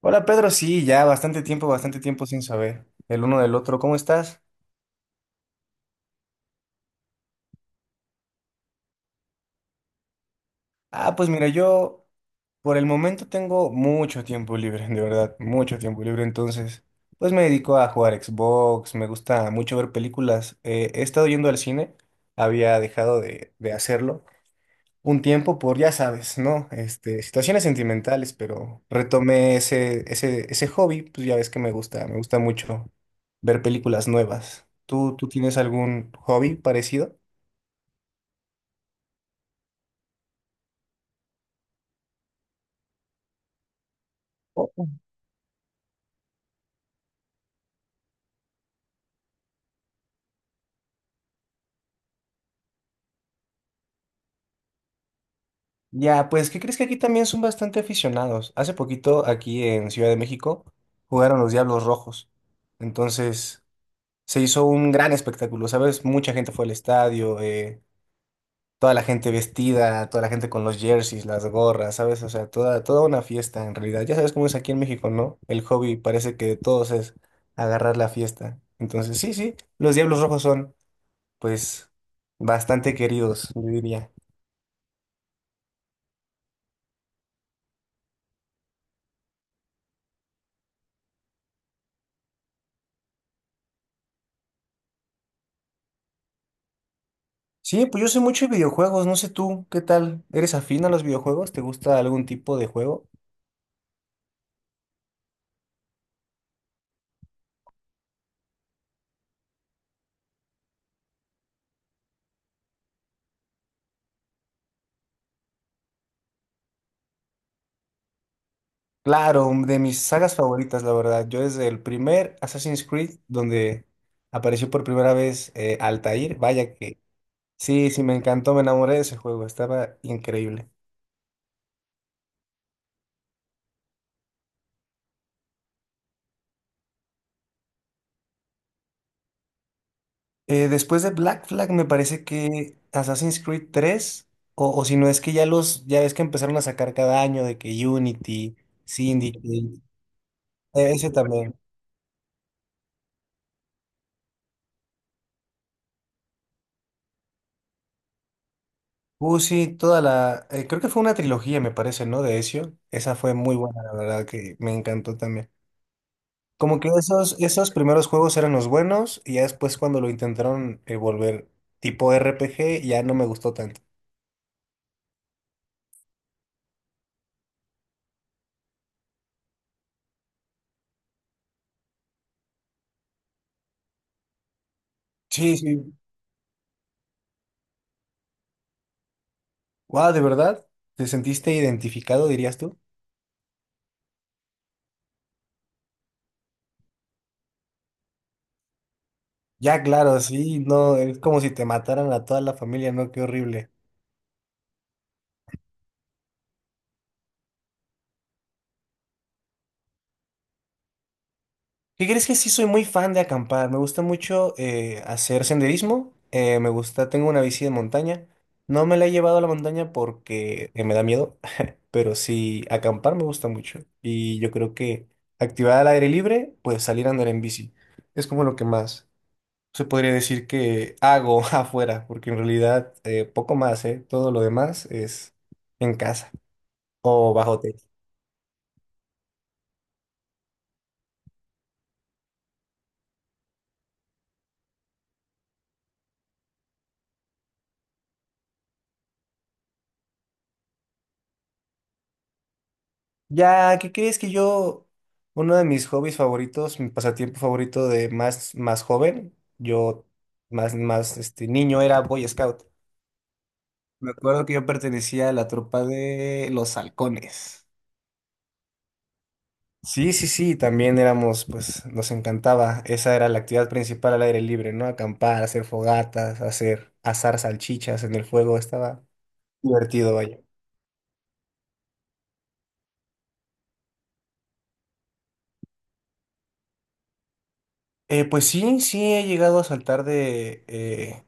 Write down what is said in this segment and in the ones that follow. Hola Pedro, sí, ya bastante tiempo sin saber el uno del otro. ¿Cómo estás? Pues mira, yo por el momento tengo mucho tiempo libre, de verdad, mucho tiempo libre. Entonces, pues me dedico a jugar Xbox, me gusta mucho ver películas. He estado yendo al cine, había dejado de hacerlo. Un tiempo por, ya sabes, ¿no? Este, situaciones sentimentales, pero retomé ese hobby, pues ya ves que me gusta mucho ver películas nuevas. ¿Tú tienes algún hobby parecido? O- Ya, pues, ¿qué crees que aquí también son bastante aficionados? Hace poquito, aquí en Ciudad de México, jugaron los Diablos Rojos. Entonces, se hizo un gran espectáculo, ¿sabes? Mucha gente fue al estadio, toda la gente vestida, toda la gente con los jerseys, las gorras, ¿sabes? O sea, toda, toda una fiesta en realidad. Ya sabes cómo es aquí en México, ¿no? El hobby parece que de todos es agarrar la fiesta. Entonces, sí, sí, los Diablos Rojos son, pues, bastante queridos, yo diría. Sí, pues yo sé mucho de videojuegos, no sé tú, ¿qué tal? ¿Eres afín a los videojuegos? ¿Te gusta algún tipo de juego? Claro, de mis sagas favoritas, la verdad. Yo desde el primer Assassin's Creed, donde apareció por primera vez Altair, vaya que sí, sí, me encantó, me enamoré de ese juego, estaba increíble. Después de Black Flag me parece que Assassin's Creed 3 o si no es que ya los, ya ves que empezaron a sacar cada año de que Unity, Syndicate, ese también. Sí, toda la, creo que fue una trilogía, me parece, ¿no? De Ezio. Esa fue muy buena, la verdad, que me encantó también. Como que esos, esos primeros juegos eran los buenos, y ya después cuando lo intentaron volver tipo RPG, ya no me gustó tanto. Sí, sí. Wow, ¿de verdad? ¿Te sentiste identificado, dirías tú? Ya, claro, sí, no, es como si te mataran a toda la familia, ¿no? Qué horrible. ¿Qué crees que sí soy muy fan de acampar? Me gusta mucho hacer senderismo, me gusta, tengo una bici de montaña. No me la he llevado a la montaña porque me da miedo, pero sí, acampar me gusta mucho. Y yo creo que actividad al aire libre, pues salir a andar en bici. Es como lo que más se podría decir que hago afuera, porque en realidad poco más, ¿eh? Todo lo demás es en casa o bajo techo. Ya, ¿qué crees que yo, uno de mis hobbies favoritos, mi pasatiempo favorito de más, más joven, yo más, más niño era Boy Scout. Me acuerdo que yo pertenecía a la tropa de los halcones. Sí, sí, sí, también éramos, pues nos encantaba. Esa era la actividad principal al aire libre, ¿no? Acampar, hacer fogatas, hacer asar salchichas en el fuego, estaba divertido, vaya. Pues sí, sí, he llegado a saltar de,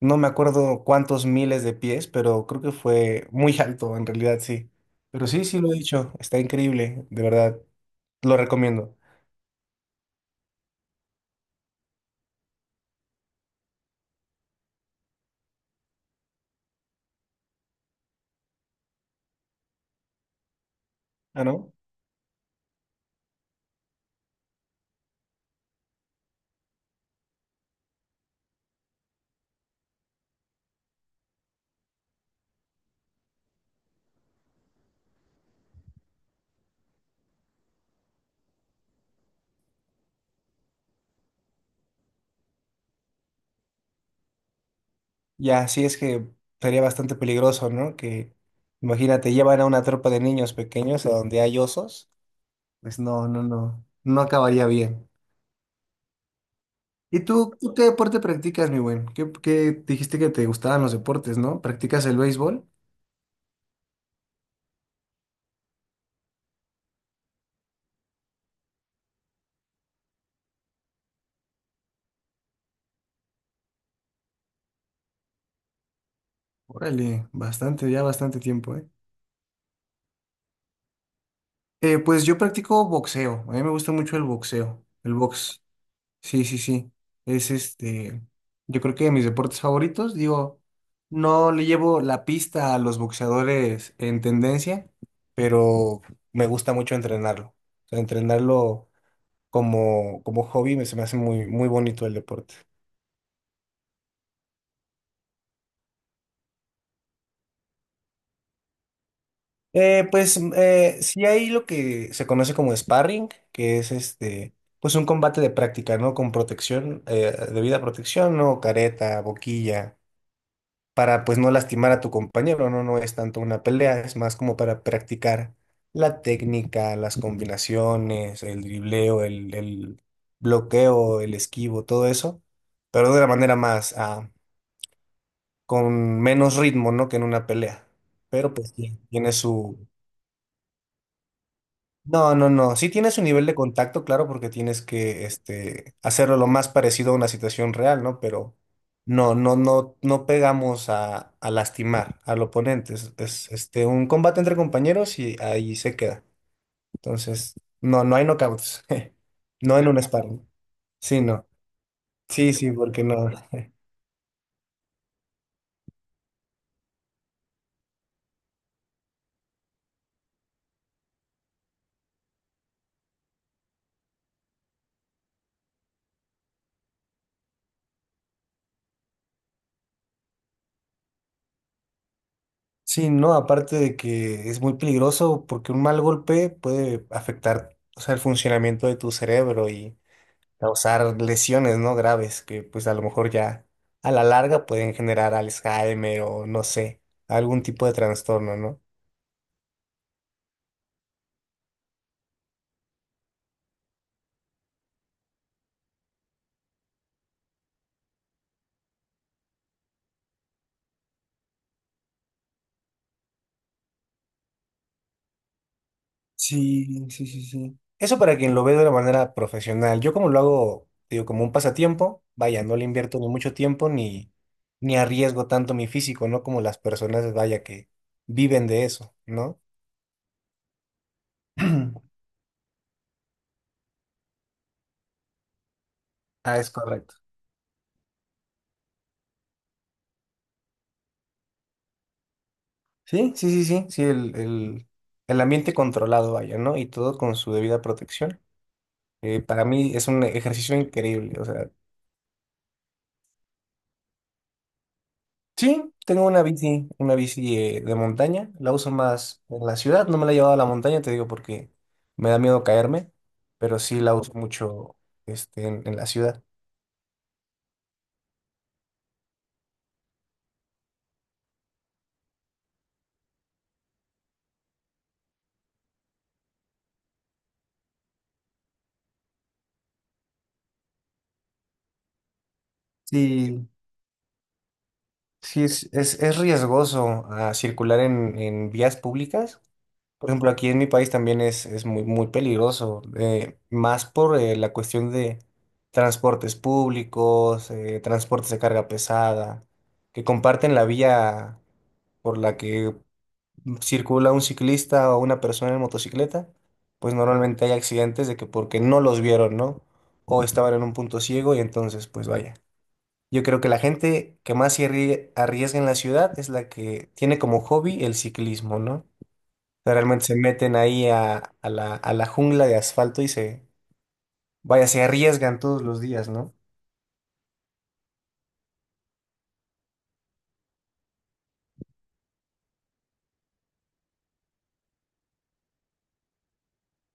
no me acuerdo cuántos miles de pies, pero creo que fue muy alto, en realidad sí. Pero sí, sí lo he dicho, está increíble, de verdad, lo recomiendo. Ah, ¿no? Ya, sí es que sería bastante peligroso, ¿no? Que, imagínate, llevan a una tropa de niños pequeños a donde hay osos. Pues no, no, no, no acabaría bien. ¿Y tú qué deporte practicas, mi buen? ¿Qué, qué dijiste que te gustaban los deportes, ¿no? ¿Practicas el béisbol? Órale, bastante, ya bastante tiempo, ¿eh? Pues yo practico boxeo. A mí me gusta mucho el boxeo, el box. Sí, sí, sí. Es este, yo creo que de mis deportes favoritos, digo, no le llevo la pista a los boxeadores en tendencia, pero me gusta mucho entrenarlo. O sea, entrenarlo como, como hobby me, se me hace muy, muy bonito el deporte. Pues sí hay lo que se conoce como sparring, que es este, pues un combate de práctica, ¿no? Con protección, debida protección, ¿no? Careta, boquilla para pues no lastimar a tu compañero, ¿no? No es tanto una pelea, es más como para practicar la técnica, las combinaciones, el dribleo, el bloqueo, el esquivo, todo eso, pero de una manera más, con menos ritmo, ¿no? Que en una pelea. Pero pues sí, tiene su, no, no, no. Sí tienes un nivel de contacto, claro, porque tienes que este, hacerlo lo más parecido a una situación real, ¿no? Pero no, no, no, no pegamos a lastimar al oponente. Es un combate entre compañeros y ahí se queda. Entonces, no, no hay knockouts. No en un sparring. Sí, no. Sí, sí, porque no. Sí, no, aparte de que es muy peligroso porque un mal golpe puede afectar, o sea, el funcionamiento de tu cerebro y causar lesiones, ¿no? Graves, que pues a lo mejor ya a la larga pueden generar Alzheimer o no sé, algún tipo de trastorno, ¿no? Sí, sí, sí, sí. Eso para quien lo ve de una manera profesional. Yo como lo hago, digo, como un pasatiempo, vaya, no le invierto ni mucho tiempo ni arriesgo tanto mi físico, ¿no? Como las personas, vaya, que viven de eso, ¿no? Ah, es correcto. Sí, sí, sí, sí, sí, el ambiente controlado, vaya, ¿no? Y todo con su debida protección. Para mí es un ejercicio increíble. O sea, sí, tengo una bici de montaña. La uso más en la ciudad. No me la he llevado a la montaña, te digo, porque me da miedo caerme, pero sí la uso mucho este, en la ciudad. Sí, sí es riesgoso circular en vías públicas. Por ejemplo, aquí en mi país también es muy, muy peligroso, más por la cuestión de transportes públicos, transportes de carga pesada, que comparten la vía por la que circula un ciclista o una persona en motocicleta, pues normalmente hay accidentes de que porque no los vieron, ¿no? O estaban en un punto ciego y entonces, pues vaya. Yo creo que la gente que más se arriesga en la ciudad es la que tiene como hobby el ciclismo, ¿no? Sea, realmente se meten ahí a la jungla de asfalto y se, vaya, se arriesgan todos los días, ¿no?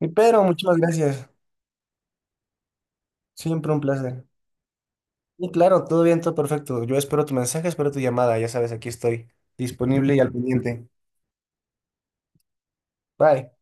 Y Pedro, muchas gracias. Siempre un placer. Y claro, todo bien, todo perfecto. Yo espero tu mensaje, espero tu llamada. Ya sabes, aquí estoy disponible y al pendiente. Bye.